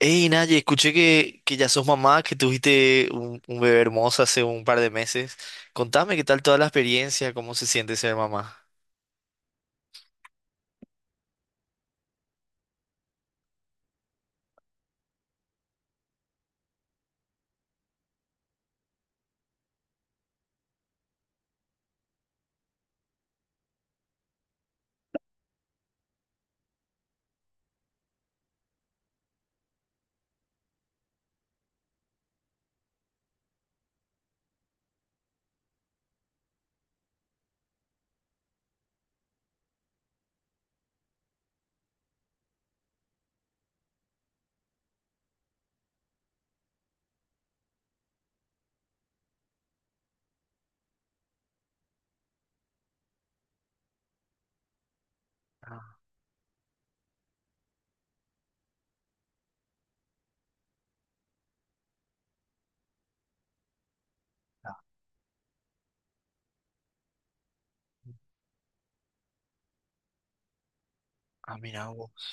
Hey, Naye, escuché que ya sos mamá, que tuviste un bebé hermoso hace un par de meses. Contame qué tal toda la experiencia, cómo se siente ser mamá. Ah, Mira vos.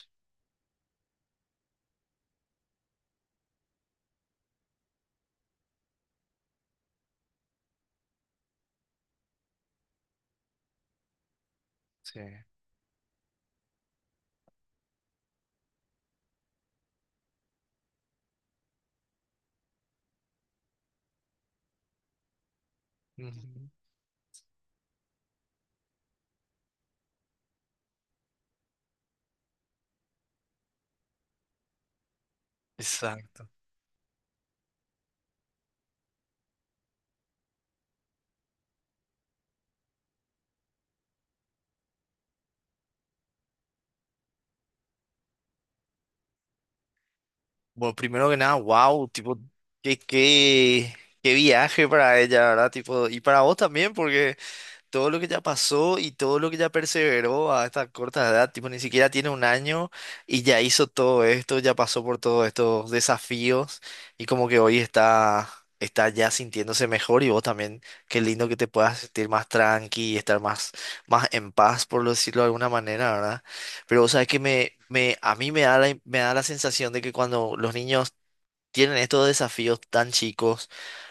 Sí. Ujú. Exacto. Bueno, primero que nada, wow, tipo, qué, qué, qué viaje para ella, ¿verdad? Tipo, y para vos también, porque todo lo que ya pasó y todo lo que ya perseveró a esta corta edad, tipo, ni siquiera tiene un año y ya hizo todo esto, ya pasó por todos estos desafíos y como que hoy está ya sintiéndose mejor y vos también, qué lindo que te puedas sentir más tranqui y estar más en paz, por lo decirlo de alguna manera, ¿verdad? Pero vos sabes que a mí me da me da la sensación de que cuando los niños tienen estos desafíos tan chicos,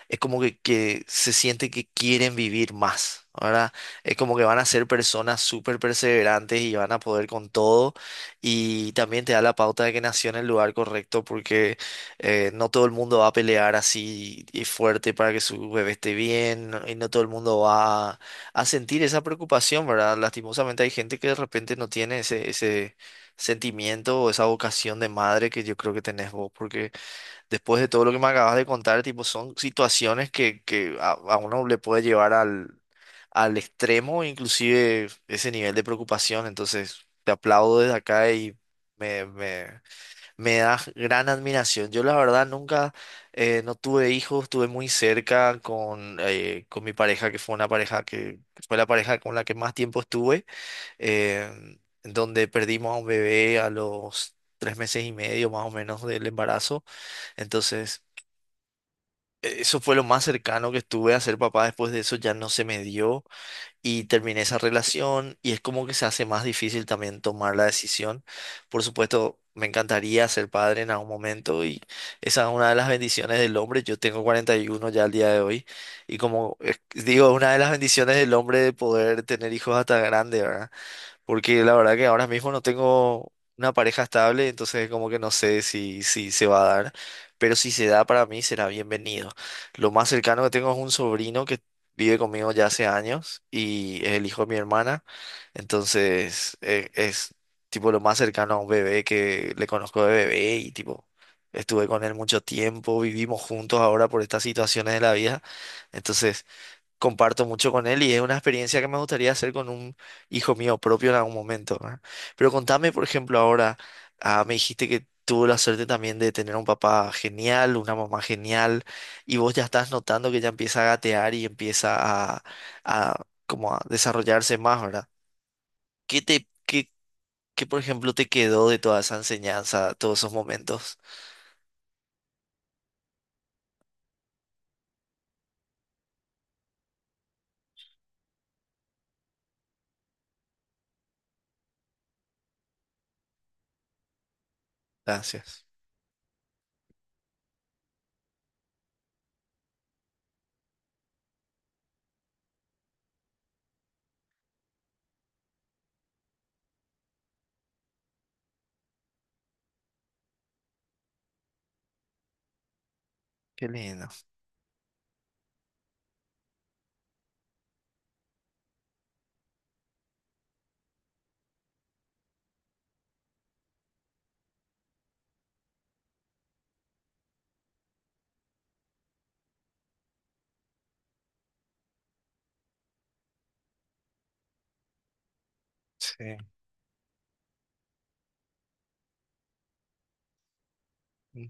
es como que se siente que quieren vivir más. Ahora es como que van a ser personas súper perseverantes y van a poder con todo. Y también te da la pauta de que nació en el lugar correcto porque no todo el mundo va a pelear así y fuerte para que su bebé esté bien y no todo el mundo va a sentir esa preocupación, ¿verdad? Lastimosamente hay gente que de repente no tiene ese sentimiento o esa vocación de madre que yo creo que tenés vos porque después de todo lo que me acabas de contar, tipo, son situaciones que a uno le puede llevar al extremo, inclusive ese nivel de preocupación. Entonces, te aplaudo desde acá y me, me, me das gran admiración. Yo la verdad nunca, no tuve hijos, estuve muy cerca con mi pareja, que fue una pareja que fue la pareja con la que más tiempo estuve, eh, donde perdimos a un bebé a los 3 meses y medio más o menos del embarazo. Entonces, eso fue lo más cercano que estuve a ser papá. Después de eso ya no se me dio y terminé esa relación y es como que se hace más difícil también tomar la decisión. Por supuesto, me encantaría ser padre en algún momento y esa es una de las bendiciones del hombre. Yo tengo 41 ya al día de hoy y como digo, una de las bendiciones del hombre de poder tener hijos hasta grande, ¿verdad? Porque la verdad que ahora mismo no tengo una pareja estable, entonces como que no sé si se va a dar, pero si se da para mí será bienvenido. Lo más cercano que tengo es un sobrino que vive conmigo ya hace años y es el hijo de mi hermana, entonces es tipo lo más cercano a un bebé que le conozco de bebé y tipo. Estuve con él mucho tiempo, vivimos juntos ahora por estas situaciones de la vida. Entonces, comparto mucho con él y es una experiencia que me gustaría hacer con un hijo mío propio en algún momento, ¿verdad? Pero contame, por ejemplo, ahora, me dijiste que tuvo la suerte también de tener un papá genial, una mamá genial, y vos ya estás notando que ya empieza a gatear y empieza a, a como a desarrollarse más, ¿verdad? ¿Qué te, por ejemplo, te quedó de toda esa enseñanza, todos esos momentos? Gracias. Qué lindo. Sí. Mm,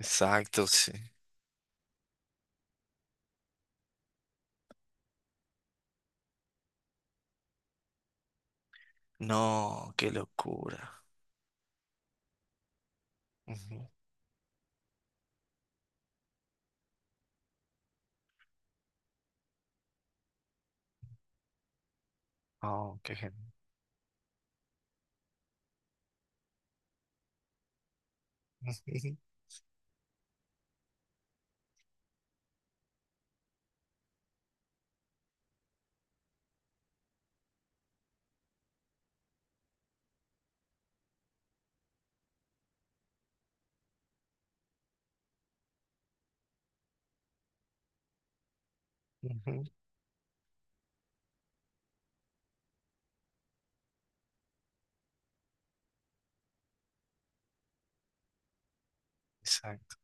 exacto, sí. No, qué locura. Ujú. Oh, qué genial. Ujú, exacto.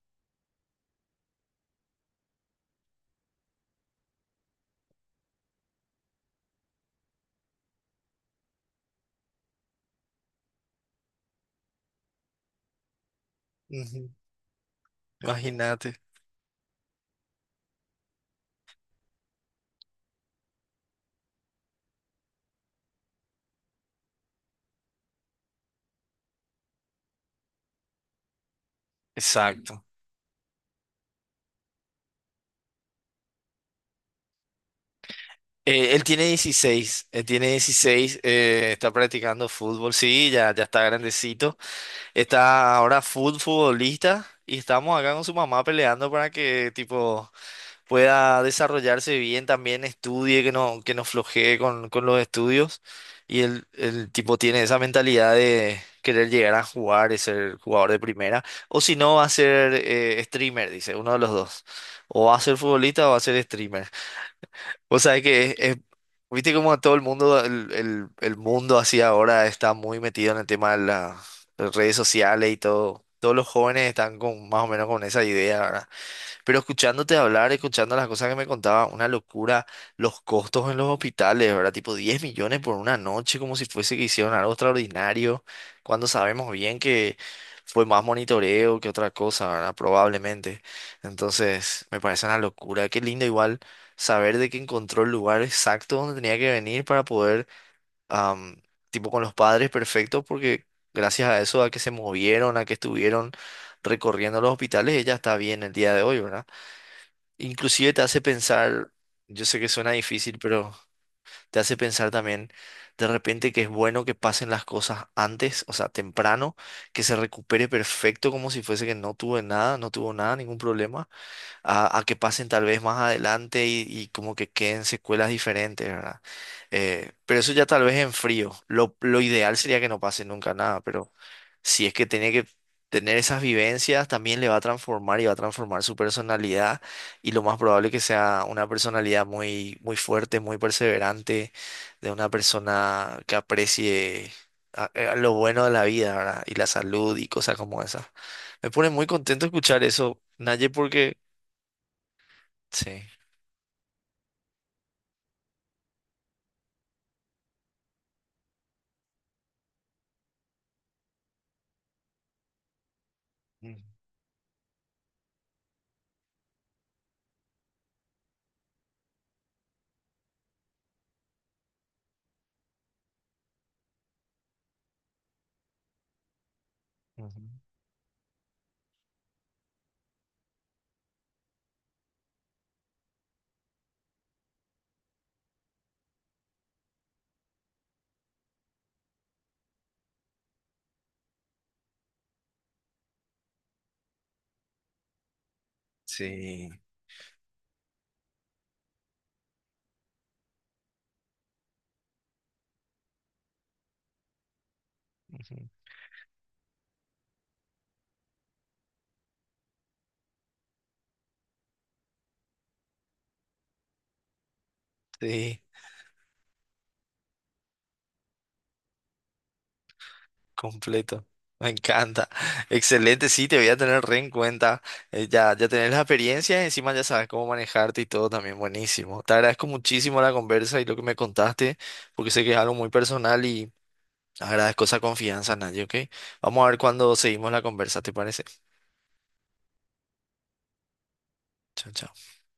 Ujú. Imagínate. Exacto. Él tiene 16 él tiene dieciséis Está practicando fútbol, sí, ya está grandecito, está ahora futbolista y estamos acá con su mamá peleando para que tipo pueda desarrollarse bien, también estudie, que no flojee con los estudios. Y el tipo tiene esa mentalidad de querer llegar a jugar y ser jugador de primera. O si no, va a ser streamer, dice, uno de los dos. O va a ser futbolista o va a ser streamer. O sea, que viste como todo el mundo, el mundo así ahora está muy metido en el tema de las redes sociales y todo. Todos los jóvenes están con más o menos con esa idea, ¿verdad? Pero escuchándote hablar, escuchando las cosas que me contaba, una locura, los costos en los hospitales, ¿verdad? Tipo 10 millones por una noche, como si fuese que hicieron algo extraordinario, cuando sabemos bien que fue más monitoreo que otra cosa, ¿verdad? Probablemente. Entonces, me parece una locura. Qué lindo igual saber de que encontró el lugar exacto donde tenía que venir para poder, am, tipo con los padres perfectos, porque gracias a eso, a que se movieron, a que estuvieron recorriendo los hospitales, ella está bien el día de hoy, ¿verdad? Inclusive te hace pensar, yo sé que suena difícil, pero te hace pensar también de repente que es bueno que pasen las cosas antes, o sea, temprano, que se recupere perfecto como si fuese que no tuve nada, no tuvo nada, ningún problema a que pasen tal vez más adelante y como que queden secuelas diferentes, ¿verdad? Pero eso ya tal vez en frío. Lo ideal sería que no pase nunca nada, pero si es que tiene que tener esas vivencias, también le va a transformar y va a transformar su personalidad y lo más probable que sea una personalidad muy fuerte, muy perseverante, de una persona que aprecie a lo bueno de la vida, ¿verdad? Y la salud y cosas como esas. Me pone muy contento escuchar eso, Naye, porque sí, mm, ujú, sí, ujú, sí, completo. Me encanta. Excelente, sí, te voy a tener re en cuenta. Ya tenés la experiencia y encima ya sabes cómo manejarte y todo también buenísimo. Te agradezco muchísimo la conversa y lo que me contaste, porque sé que es algo muy personal y agradezco esa confianza, Naye, ¿ok? Vamos a ver cuando seguimos la conversa, ¿te parece? Chao, chao.